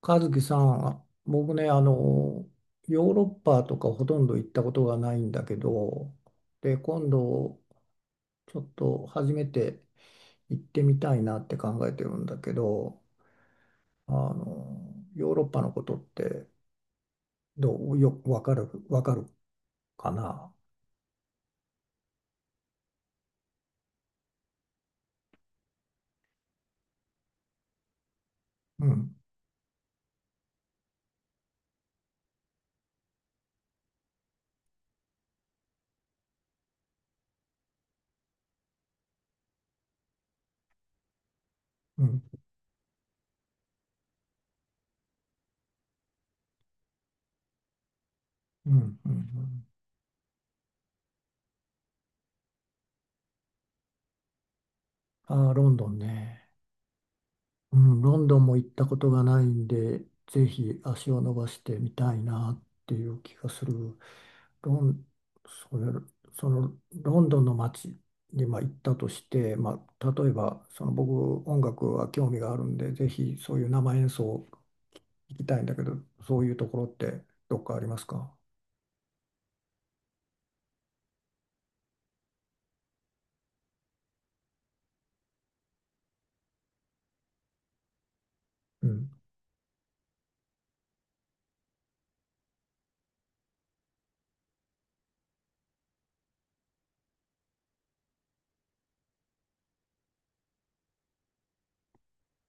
和樹さん、僕ね、ヨーロッパとかほとんど行ったことがないんだけど、で、今度、ちょっと初めて行ってみたいなって考えてるんだけど、ヨーロッパのことってどう、よ、わかる、わかるかな？うん、うん、うん、うん。うん。あー、ロンドンね。うん、ロンドンも行ったことがないんで、ぜひ足を伸ばしてみたいなっていう気がする。ロン、それ、そのロンドンの街にまあ行ったとして、まあ、例えばその僕音楽は興味があるんで、ぜひそういう生演奏行きたいんだけど、そういうところってどっかありますか？うん。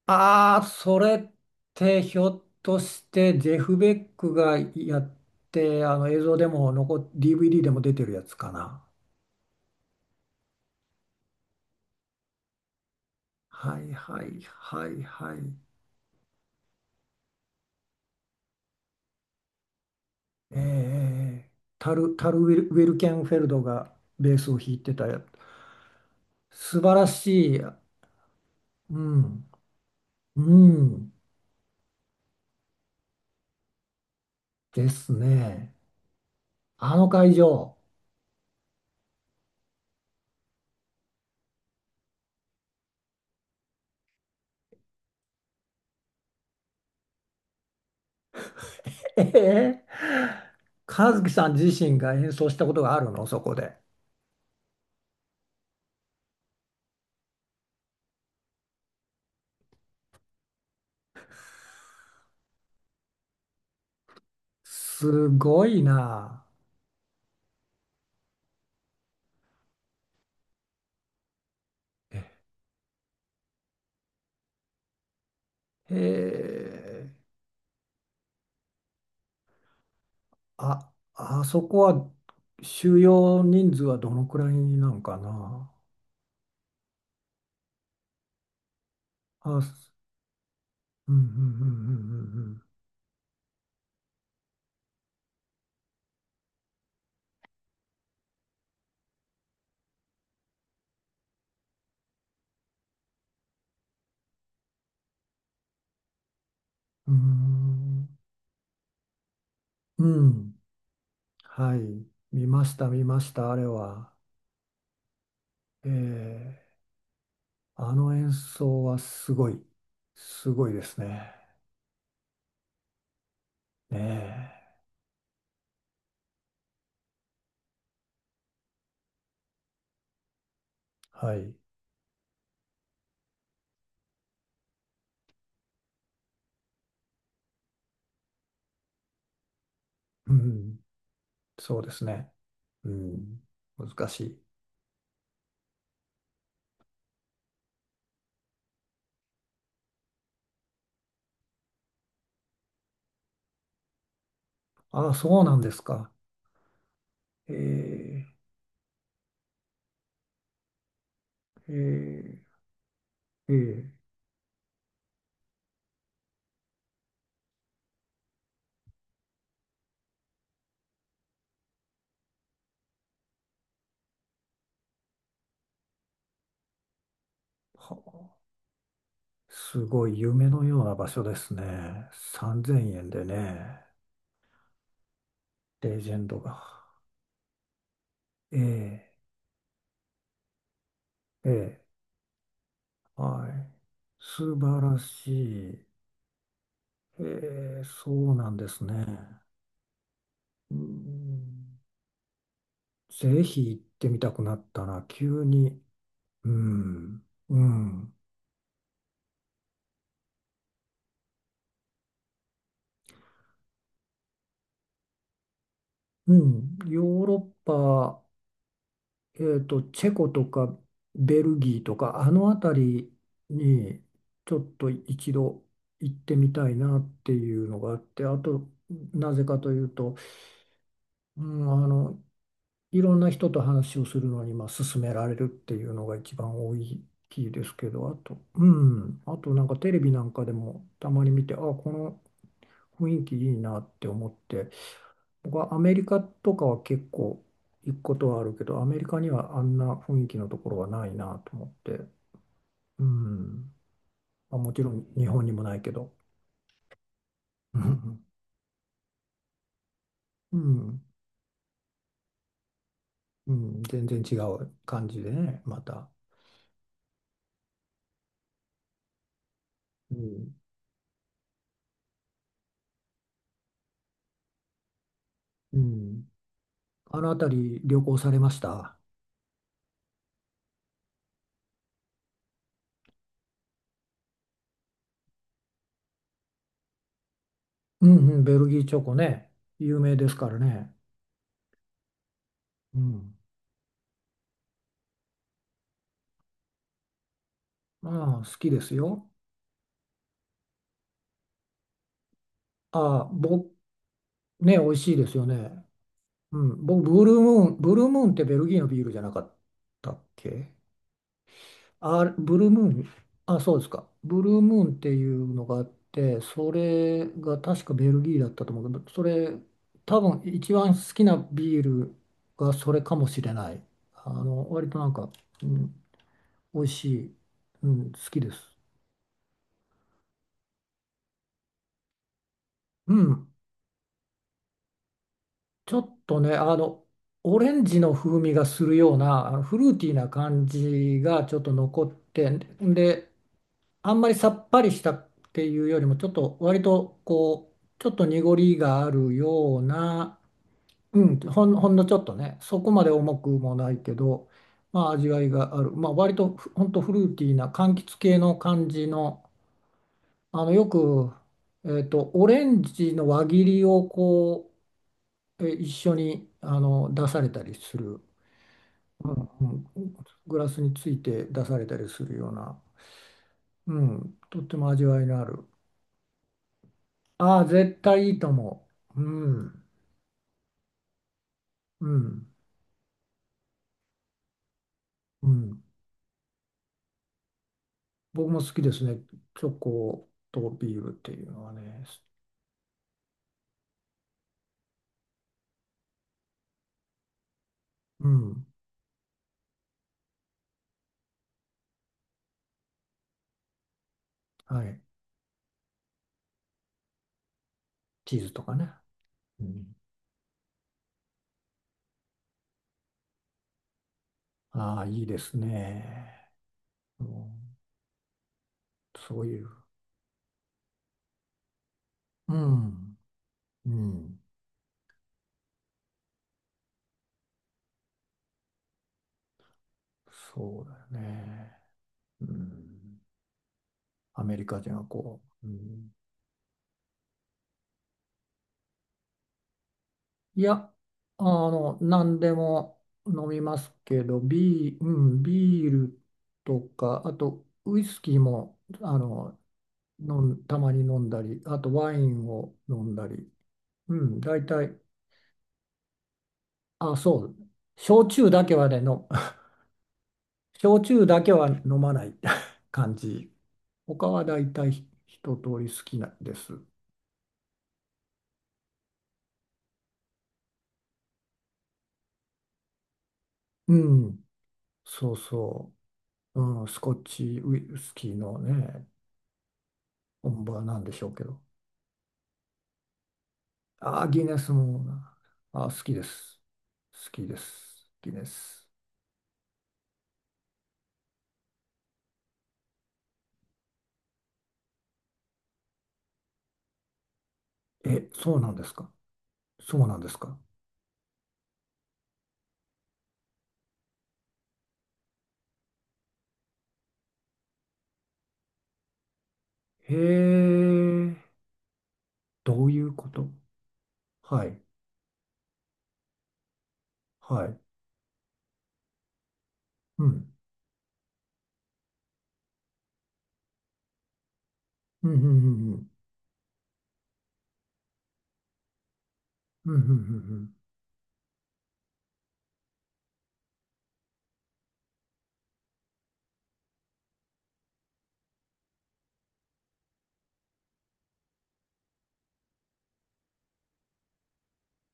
ああ、それってひょっとしてジェフ・ベックがやって、あの映像でも残っ、DVD でも出てるやつかな。はいはいはいはい。ええ、タル、タルウィル、ウィルケンフェルドがベースを弾いてたやつ。素晴らしい。うん。うん。ですね。あの会場。ええ、和樹さん自身が演奏したことがあるの、そこで？すごいな。ええ、あ、あそこは収容人数はどのくらいなんかな？あ、うん、うん、うん、うん、うん、うん、うん、うん。はい、見ました、見ました、あれは。ええ、あの演奏はすごい、すごいですね。ねえ、はい、うん、そうですね。うん、難しい。ああ、そうなんですか。ええ、ええ、ええ、はあ、すごい夢のような場所ですね。3000円でね、レジェンドが。ええ、ええ、はい。素晴らしい。えー、そうなんですね。うん、ぜひ行ってみたくなったな、急に。うん、うん、うん。ヨーロッパ、チェコとかベルギーとか、あの辺りにちょっと一度行ってみたいなっていうのがあって、あと、なぜかというと、うん、いろんな人と話をするのに、まあ、勧められるっていうのが一番大きいですけど、あと、うん、あとなんかテレビなんかでもたまに見て、あ、この雰囲気いいなって思って、僕はアメリカとかは結構行くことはあるけど、アメリカにはあんな雰囲気のところはないなと思って、うん、まあ、もちろん日本にもないけど、うん、うん、うん全然違う感じでね、また。うん、うん、あの辺り旅行されました？うん、うん、ベルギーチョコね、有名ですからね。うん。まあ、好きですよ。ああ、僕、ね、美味しいですよね。うん。僕、ブルームーンってベルギーのビールじゃなかったっけ？あ、ブルームーン、あ、そうですか。ブルームーンっていうのがあって、それが確かベルギーだったと思うけど、それ、多分一番好きなビールがそれかもしれない。割となんか、うん、美味しい。うん、好きです。うん、ちょっとね、オレンジの風味がするような、あのフルーティーな感じがちょっと残って、で、あんまりさっぱりしたっていうよりも、ちょっと割とこう、ちょっと濁りがあるような、うん、ほんのちょっとね、そこまで重くもないけど、まあ味わいがある、まあ割とふほんとフルーティーな柑橘系の感じの、あの、よく、オレンジの輪切りをこう、え、一緒にあの出されたりする、うん、うん、グラスについて出されたりするような、うん、とっても味わいのある。ああ、絶対いいと思う。うん、うん、うん。僕も好きですね。チョコとビールっていうのはね。うん、はい。チーズとかね。うん、ああ、いいですね。うん、そういう。うん、うん、そうだよね。うん、アメリカ人はこう、うん、いや、あの、何でも飲みますけど、ビー、うん、ビールとか、あとウイスキーも、あの、たまに飲んだり、あとワインを飲んだり、うん、大体、あ、そう、焼酎だけはね、の、焼酎だけは飲まない 感じ。他は大体一通り好きなんです。うん、そうそう、うん、スコッチウイスキーのね、本場なんでしょうけど。あー、ギネスもな、あー、好きです。好きです。ギネス。え、そうなんですか。そうなんですか。へえ、どういうこと？はい、はい。うん、うん、うん、うん、うん、うん、うん、うん、うん。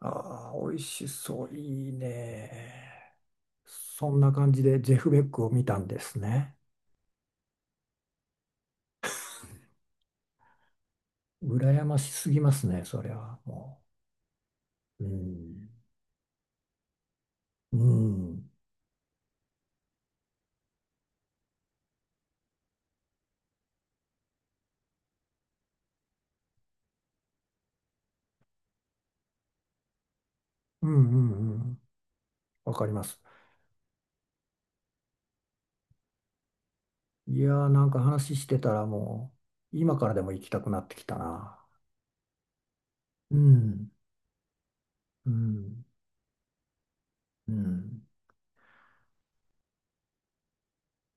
ああ、美味しそう、いいね。そんな感じでジェフ・ベックを見たんですね。羨ましすぎますね、それはもう。うん、うん、うん、うん、うん。わかります。いやー、なんか話してたらもう、今からでも行きたくなってきたな。うん、うん、うん。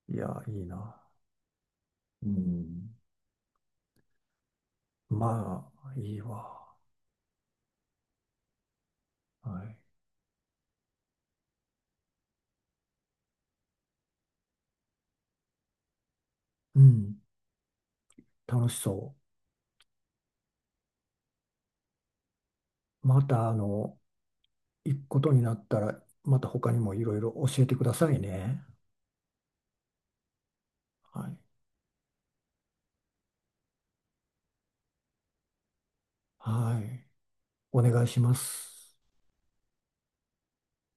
いやー、いいな。うん。まあ、いいわ。はい。うん、楽しそう。また、あの、行くことになったら、また他にもいろいろ教えてくださいね。はい。はい。お願いします。